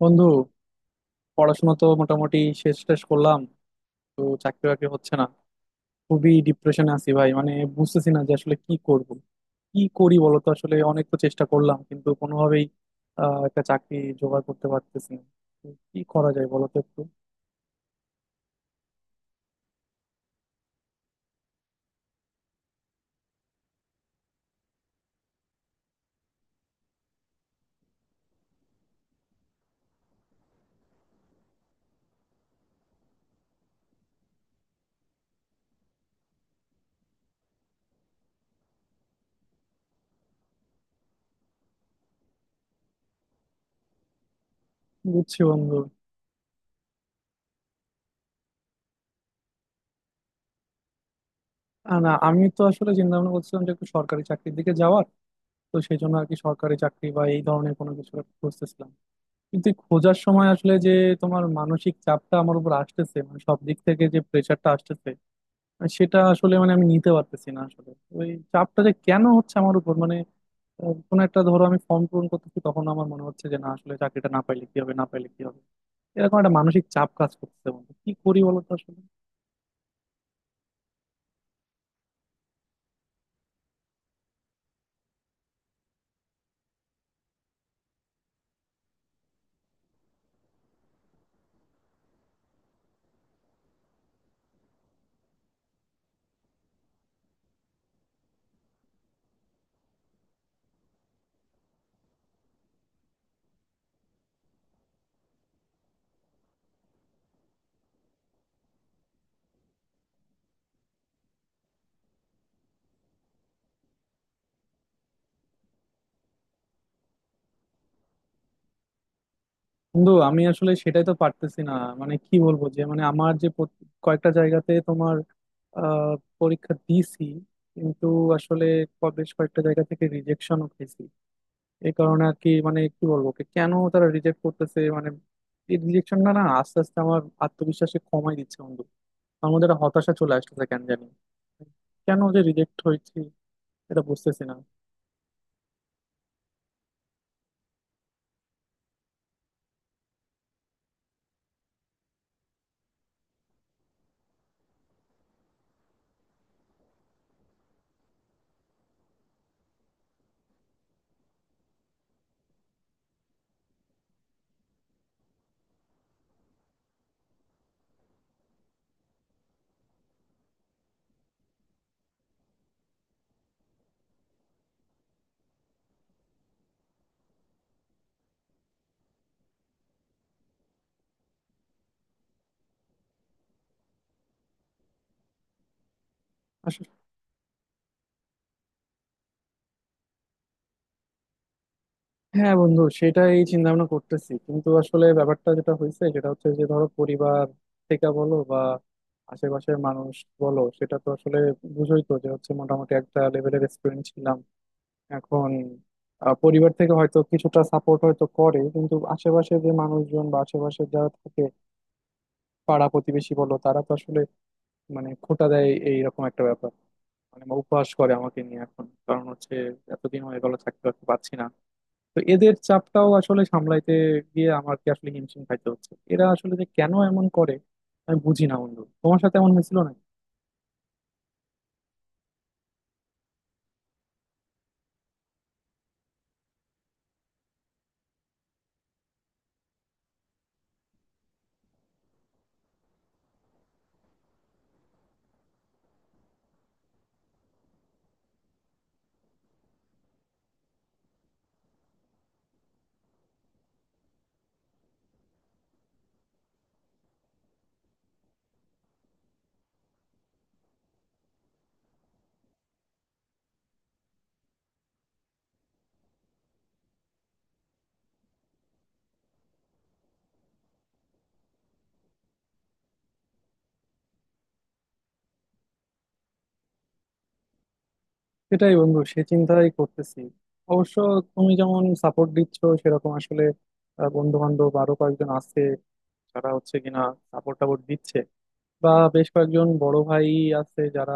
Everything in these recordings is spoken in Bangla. বন্ধু, পড়াশোনা তো মোটামুটি শেষ, টেস করলাম। তো চাকরি বাকরি হচ্ছে না। খুবই ডিপ্রেশনে আছি ভাই, বুঝতেছি না যে আসলে কি করব। কি করি বলতো, আসলে অনেক তো চেষ্টা করলাম কিন্তু কোনোভাবেই একটা চাকরি জোগাড় করতে পারতেছি না। তো কি করা যায় বলতো একটু? বুঝছি বন্ধু। না, আমি তো আসলে চিন্তা ভাবনা করছিলাম যে একটু সরকারি চাকরির দিকে যাওয়ার। তো সেই জন্য আর কি সরকারি চাকরি বা এই ধরনের কোনো কিছু একটা খুঁজতেছিলাম। কিন্তু এই খোঁজার সময় আসলে যে তোমার মানসিক চাপটা আমার উপর আসতেছে, সব দিক থেকে যে প্রেশারটা আসতেছে, আর সেটা আসলে আমি নিতে পারতেছি না আসলে। ওই চাপটা যে কেন হচ্ছে আমার উপর মানে, কোনো একটা, ধরো আমি ফর্ম পূরণ করতেছি, তখন আমার মনে হচ্ছে যে না, আসলে চাকরিটা না পাইলে কি হবে, না পাইলে কি হবে। এরকম একটা মানসিক চাপ কাজ করতেছে বন্ধু, কি করি বলো তো আসলে? বন্ধু, আমি আসলে সেটাই তো পারতেছি না। কি বলবো, যে মানে আমার যে কয়েকটা জায়গাতে তোমার আহ পরীক্ষা দিছি কিন্তু আসলে বেশ কয়েকটা জায়গা থেকে রিজেকশনও খেয়েছি। এই কারণে আর কি, কি বলবো, কি কেন তারা রিজেক্ট করতেছে মানে। এই রিজেকশনটা না আস্তে আস্তে আমার আত্মবিশ্বাসে কমাই দিচ্ছে বন্ধু। আমার মধ্যে একটা হতাশা চলে আসতেছে কেন জানি। কেন যে রিজেক্ট হয়েছি এটা বুঝতেছি না আসলে। হ্যাঁ বন্ধু, সেটাই চিন্তা ভাবনা করতেছি। কিন্তু আসলে ব্যাপারটা যেটা হয়েছে সেটা হচ্ছে যে ধরো পরিবার থেকে বলো বা আশেপাশের মানুষ বলো, সেটা তো আসলে বুঝোই তো, যে হচ্ছে মোটামুটি একটা লেভেলের এক্সপিরিয়েন্স ছিলাম এখন। পরিবার থেকে হয়তো কিছুটা সাপোর্ট হয়তো করে, কিন্তু আশেপাশে যে মানুষজন বা আশেপাশে যারা থাকে, পাড়া প্রতিবেশী বলো, তারা তো আসলে খোঁটা দেয়, এইরকম একটা ব্যাপার। উপহাস করে আমাকে নিয়ে এখন। কারণ হচ্ছে এতদিন হয়ে গেল থাকতে পারছি না। তো এদের চাপটাও আসলে সামলাইতে গিয়ে আমাকে আসলে হিমশিম খাইতে হচ্ছে। এরা আসলে যে কেন এমন করে আমি বুঝি না বন্ধু। তোমার সাথে এমন হয়েছিল না? সেটাই বন্ধু, সে চিন্তাই করতেছি অবশ্য। তুমি যেমন সাপোর্ট দিচ্ছ, সেরকম আসলে বন্ধু বান্ধব আরো কয়েকজন আছে যারা হচ্ছে কিনা সাপোর্ট টাপোর্ট দিচ্ছে। বা বেশ কয়েকজন বড় ভাই আছে যারা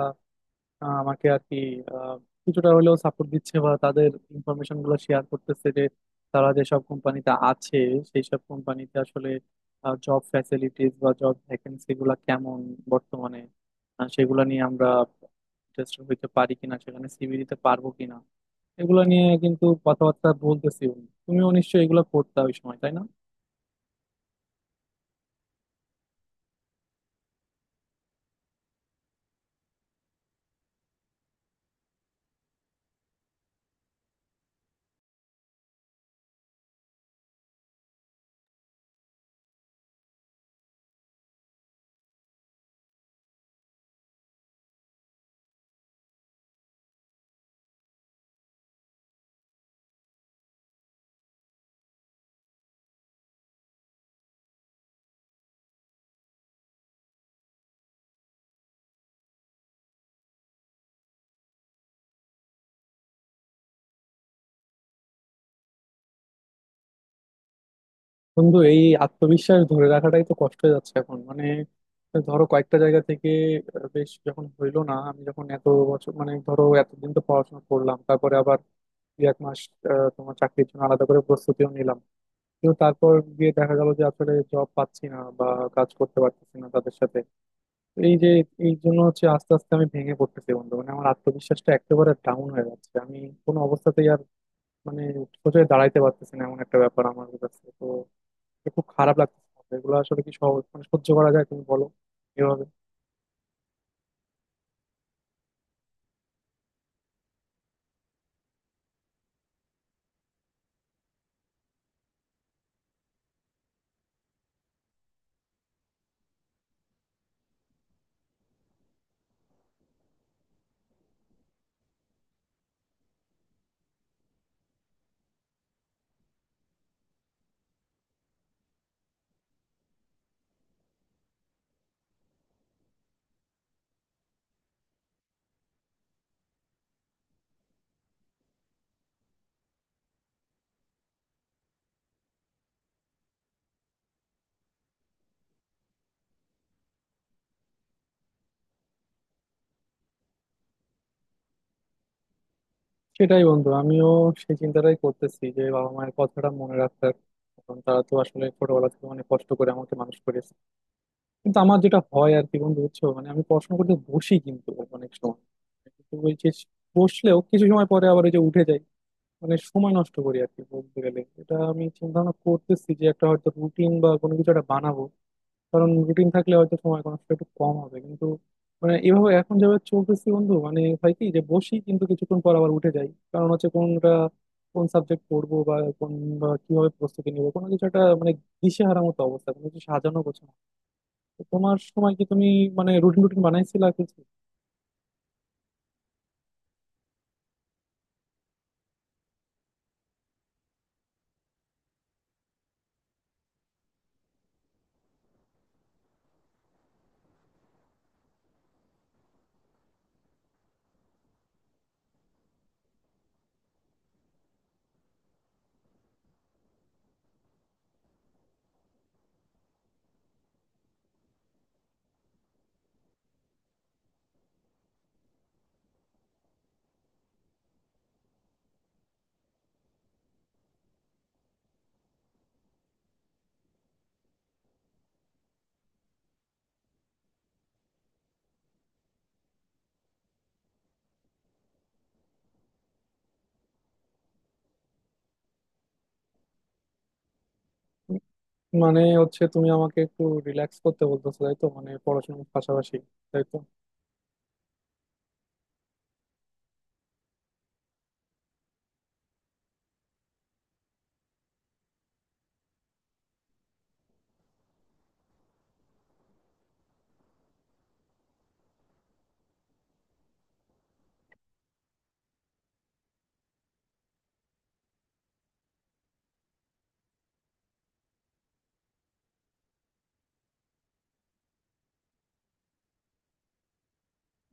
আমাকে আর কি আহ, কিছুটা হলেও সাপোর্ট দিচ্ছে বা তাদের ইনফরমেশন গুলো শেয়ার করতেছে যে তারা যেসব কোম্পানিতে আছে, সেই সব কোম্পানিতে আসলে জব ফ্যাসিলিটিস বা জব ভ্যাকেন্সি গুলা কেমন বর্তমানে, সেগুলা নিয়ে আমরা ইন্টারেস্টেড হইতে পারি কিনা, সেখানে সিভি দিতে পারবো কিনা, এগুলা নিয়ে কিন্তু কথাবার্তা বলতেছি। তুমিও নিশ্চয়ই এগুলো করতে ওই সময়, তাই না? বন্ধু, এই আত্মবিশ্বাস ধরে রাখাটাই তো কষ্ট হয়ে যাচ্ছে এখন। ধরো কয়েকটা জায়গা থেকে বেশ যখন হইলো না, আমি যখন এত বছর, ধরো এতদিন তো পড়াশোনা করলাম, তারপরে আবার দুই এক মাস তোমার চাকরির জন্য আলাদা করে প্রস্তুতিও নিলাম। কিন্তু তারপর গিয়ে দেখা গেল যে আসলে জব পাচ্ছি না বা কাজ করতে পারতেছি না তাদের সাথে। তো এই যে এই জন্য হচ্ছে আস্তে আস্তে আমি ভেঙে পড়তেছি বন্ধু। আমার আত্মবিশ্বাসটা একেবারে ডাউন হয়ে যাচ্ছে। আমি কোনো অবস্থাতেই আর মানে সোজা দাঁড়াইতে পারতেছি না, এমন একটা ব্যাপার। আমার কাছে তো খুব খারাপ লাগছে। এগুলো আসলে কি সহজ, মানে সহ্য করা যায় তুমি বলো এভাবে? সেটাই বন্ধু, আমিও সেই চিন্তাটাই করতেছি যে বাবা মায়ের কথাটা মনে রাখার। কারণ তারা তো আসলে ছোটবেলা থেকে অনেক কষ্ট করে আমাকে মানুষ করেছে। কিন্তু আমার যেটা হয় আর কি বন্ধু, বুঝছো, মানে আমি পড়াশোনা করতে বসি কিন্তু অনেক সময় কিন্তু ওই যে বসলেও কিছু সময় পরে আবার ওই যে উঠে যাই। মানে সময় নষ্ট করি আর কি, বলতে গেলে। এটা আমি চিন্তা ভাবনা করতেছি যে একটা হয়তো রুটিন বা কোনো কিছু একটা বানাবো। কারণ রুটিন থাকলে হয়তো সময় কনস্ট একটু কম হবে। কিন্তু এভাবে এখন যেভাবে চলতেছি বন্ধু, মানে হয় কি যে বসি কিন্তু কিছুক্ষণ পর আবার উঠে যাই। কারণ হচ্ছে কোনটা, কোন সাবজেক্ট পড়বো, বা কোন বা কিভাবে প্রস্তুতি নেবো কোনো কিছু একটা মানে দিশেহারা মতো অবস্থা, কোনো কিছু সাজানো গোছানো। তো তোমার সময় কি তুমি রুটিন রুটিন বানাইছিলা কিছু? মানে হচ্ছে তুমি আমাকে একটু রিল্যাক্স করতে বলতেছো তাই তো, মানে পড়াশোনার পাশাপাশি? তাই তো?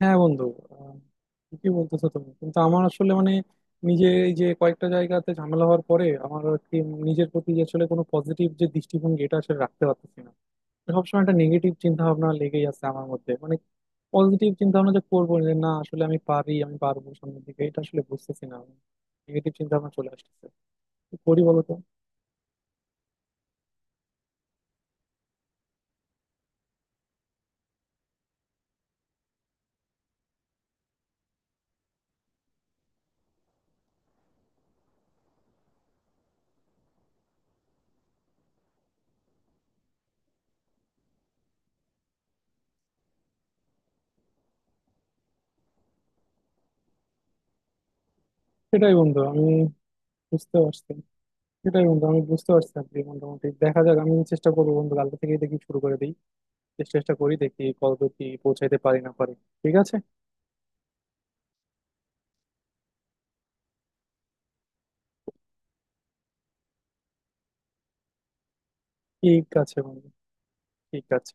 হ্যাঁ বন্ধু, আহ, ঠিকই বলতেছো তুমি। কিন্তু আমার আসলে মানে নিজে এই যে কয়েকটা জায়গাতে ঝামেলা হওয়ার পরে আমার আর কি নিজের প্রতি যে আসলে কোনো পজিটিভ যে দৃষ্টিভঙ্গি, এটা আসলে রাখতে পারতেছি না। সবসময় একটা নেগেটিভ চিন্তা ভাবনা লেগেই আছে আমার মধ্যে। পজিটিভ চিন্তা ভাবনা যে করবো, যে না আসলে আমি পারি, আমি পারবো সামনের দিকে, এটা আসলে বুঝতেছি না আমি। নেগেটিভ চিন্তা ভাবনা চলে আসতেছে। কি করি বলো তো? সেটাই বন্ধু আমি বুঝতে পারছি সেটাই বন্ধু, আমি বুঝতে পারছি আর কি। মোটামুটি দেখা যাক, আমি চেষ্টা করবো বন্ধু। কালকে থেকে দেখি শুরু করে দিই, চেষ্টা টেষ্টা করি, দেখি কতদূর কি পৌঁছাইতে পারি না পারি। ঠিক আছে। ঠিক আছে বন্ধু, ঠিক আছে।